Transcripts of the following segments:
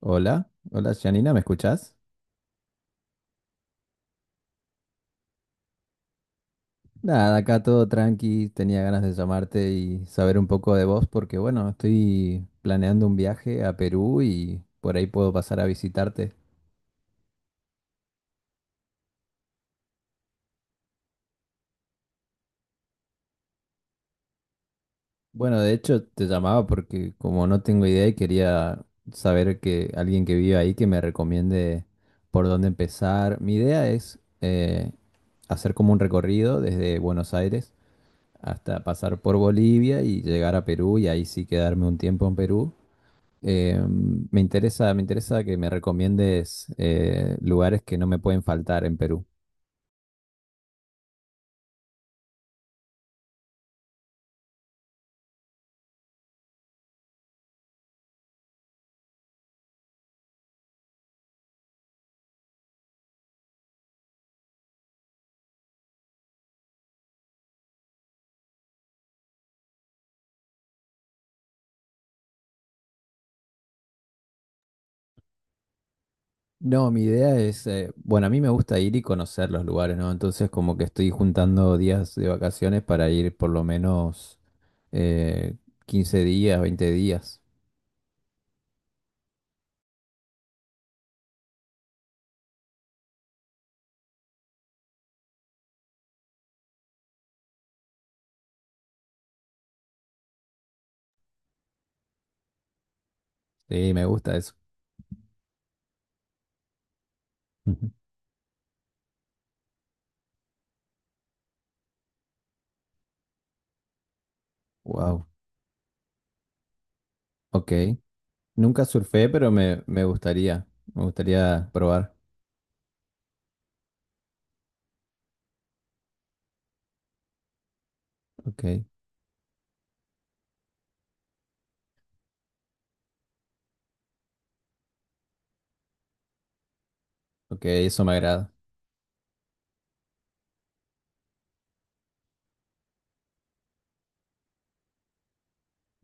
Hola, hola Janina, ¿me escuchás? Nada, acá todo tranqui, tenía ganas de llamarte y saber un poco de vos porque bueno, estoy planeando un viaje a Perú y por ahí puedo pasar a visitarte. Bueno, de hecho te llamaba porque como no tengo idea y quería saber que alguien que vive ahí que me recomiende por dónde empezar. Mi idea es hacer como un recorrido desde Buenos Aires hasta pasar por Bolivia y llegar a Perú y ahí sí quedarme un tiempo en Perú. Eh, me interesa que me recomiendes lugares que no me pueden faltar en Perú. No, mi idea es, bueno, a mí me gusta ir y conocer los lugares, ¿no? Entonces como que estoy juntando días de vacaciones para ir por lo menos eh, 15 días, veinte días. Sí, me gusta eso. Wow, ok. Nunca surfé, pero me gustaría probar. Ok, ok, eso me agrada.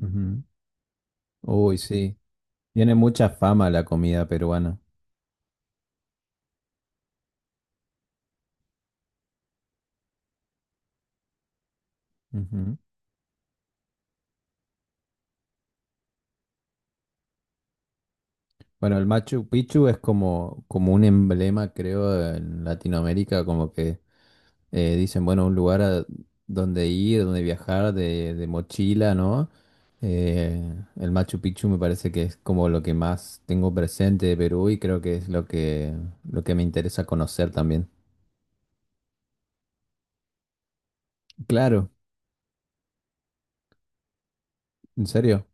Ujú. Uy, sí. Tiene mucha fama la comida peruana. Ujú. Bueno, el Machu Picchu es como, como un emblema, creo, en Latinoamérica, como que dicen, bueno, un lugar a donde ir, donde viajar de mochila, ¿no? El Machu Picchu me parece que es como lo que más tengo presente de Perú y creo que es lo que me interesa conocer también. Claro, en serio,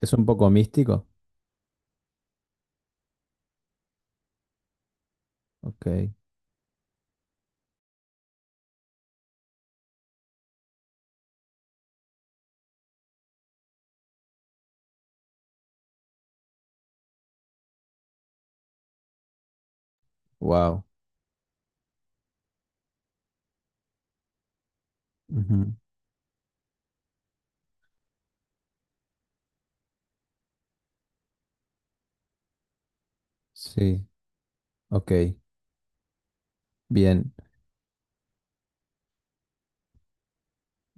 es un poco místico. Ok, wow. Ujú. Sí, ok, bien.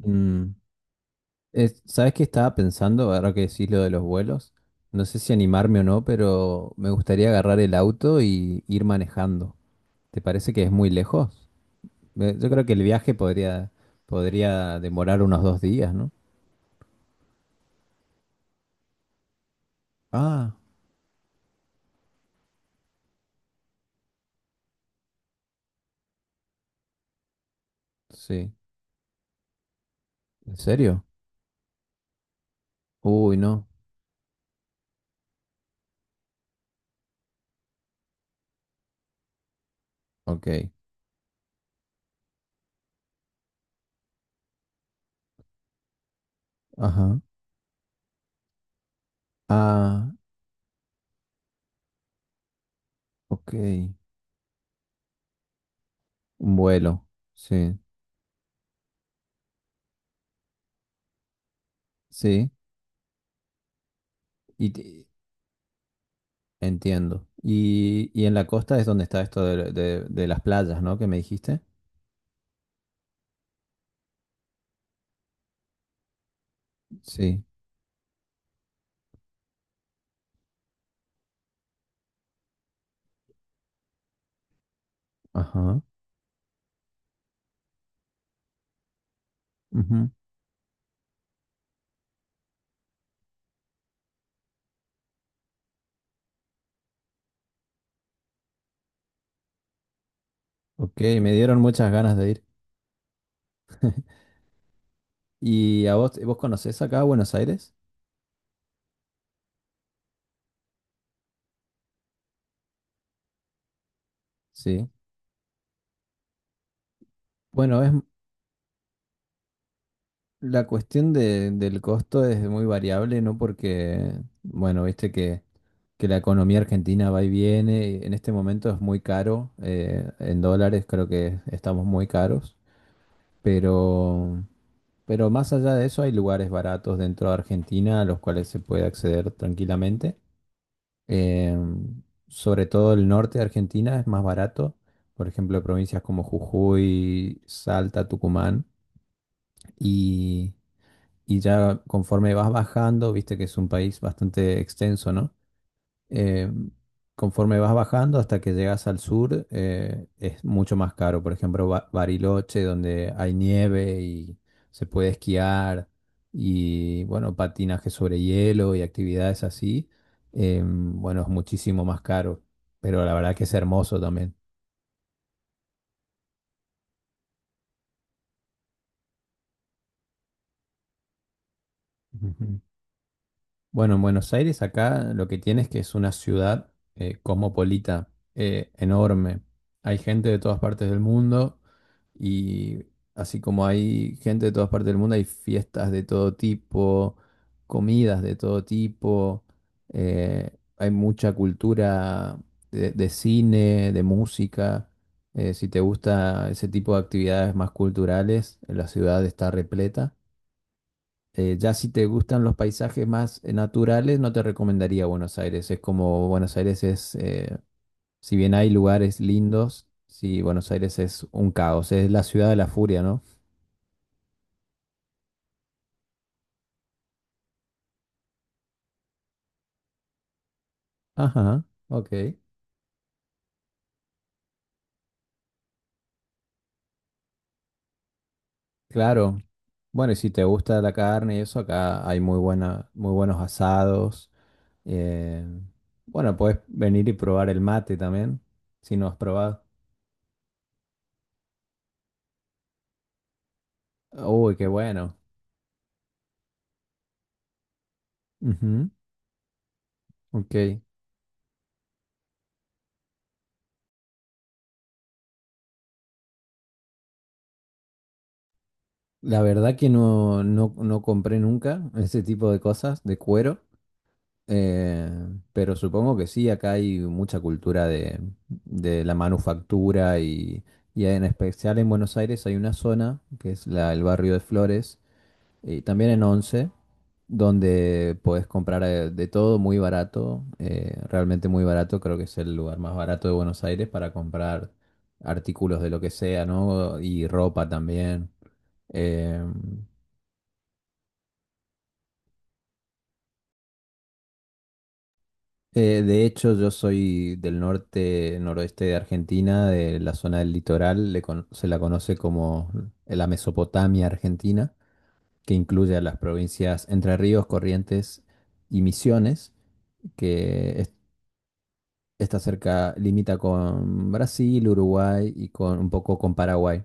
Mm. Es- ¿sabes qué estaba pensando? Ahora que decís lo de los vuelos. No sé si animarme o no, pero me gustaría agarrar el auto y ir manejando. ¿Te parece que es muy lejos? Me- Yo creo que podría demorar unos dos días, ¿no? Ah, sí. ¿En serio? Uy, no. Ok. Ajá. Ah, ok. Un vuelo. Sí. Sí. Y te- entiendo. Y en la costa es donde está esto de las playas, ¿no? Que me dijiste. Sí. Ajá. Ujú. Ok, me dieron muchas ganas de ir. ¿Y a vos, vos conocés acá a Buenos Aires? Sí. Bueno, es la cuestión de- del costo es muy variable, ¿no? Porque, bueno, que la economía argentina va y viene. Y en este momento es muy caro. En dólares creo que estamos muy caros. Pero, pero más allá de eso, hay lugares baratos dentro de Argentina a los cuales se puede acceder tranquilamente. Eh, sobre todo el norte de Argentina es más barato. Por ejemplo, provincias como Jujuy, Salta, Tucumán. Y, y ya conforme vas bajando, viste que es un país bastante extenso, ¿no? eh, conforme vas bajando hasta que llegas al sur, es mucho más caro. Por ejemplo, Bariloche, donde hay nieve y se puede esquiar y, bueno, patinaje sobre hielo y actividades así, bueno, es muchísimo más caro. Pero la verdad que es hermoso también. Ujú. Bueno, en Buenos Aires acá lo que tienes que es una ciudad cosmopolita, enorme. Hay gente de todas partes del mundo. Y así como hay gente de todas partes del mundo, hay fiestas de todo tipo, comidas de todo tipo, eh, hay mucha cultura de cine, de música. Si te gusta ese tipo de actividades más culturales, la ciudad está repleta. Ya si te gustan los paisajes más naturales, no te recomendaría Buenos Aires. Es como Buenos Aires es, si bien hay lugares lindos, sí, Buenos Aires es un caos, es la ciudad de la furia, ¿no? Ajá, ok, claro. Bueno, y si te gusta la carne y eso, acá hay muy buenos asados. eh, bueno, puedes venir y probar el mate también, si no has probado. Uy, qué bueno. Ujú, ok. La verdad que no, no compré nunca ese tipo de cosas de cuero. Eh, pero supongo que sí, acá hay mucha cultura de la manufactura y en especial en Buenos Aires hay una zona que es el barrio de Flores y también en Once, donde podés comprar de todo muy barato, realmente muy barato, creo que es el lugar más barato de Buenos Aires para comprar artículos de lo que sea, ¿no? Y ropa también. Em, de hecho, yo soy del norte, noroeste de Argentina, de la zona del litoral, se la conoce como la Mesopotamia Argentina, que incluye a las provincias Entre Ríos, Corrientes y Misiones, que es- está cerca, limita con Brasil, Uruguay y con un poco con Paraguay.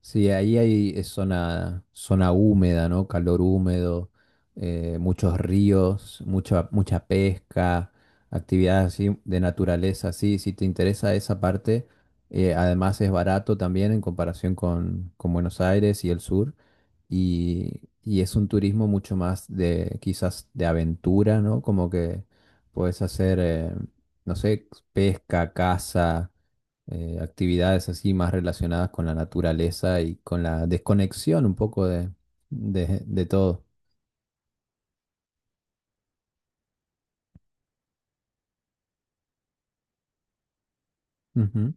Sí, ahí hay zona húmeda, ¿no? Calor húmedo, muchos ríos, mucha pesca, actividades así de naturaleza, sí, si te interesa esa parte, además es barato también en comparación con Buenos Aires y el sur, y es un turismo mucho más de quizás de aventura, ¿no? Como que puedes hacer, eh, no sé, pesca, caza, actividades así más relacionadas con la naturaleza y con la desconexión un poco de todo. Ujú,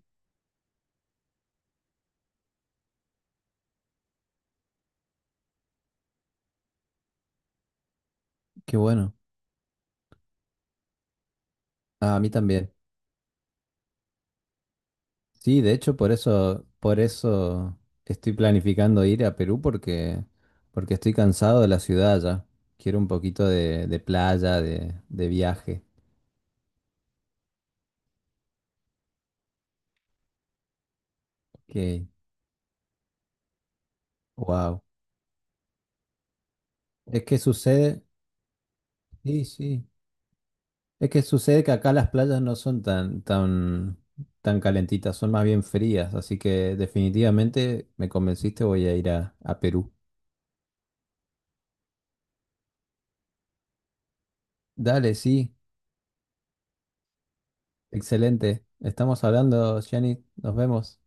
qué bueno. Ah, a mí también. Sí, de hecho, por eso estoy planificando ir a Perú porque, porque estoy cansado de la ciudad ya. Quiero un poquito de playa, de viaje. Que, wow. Es que sucede, sí, sí. Es que sucede que acá las playas no son tan calentitas, son más bien frías, así que definitivamente me convenciste, voy a ir a Perú. Dale, sí, excelente. Estamos hablando, Gianni, nos vemos.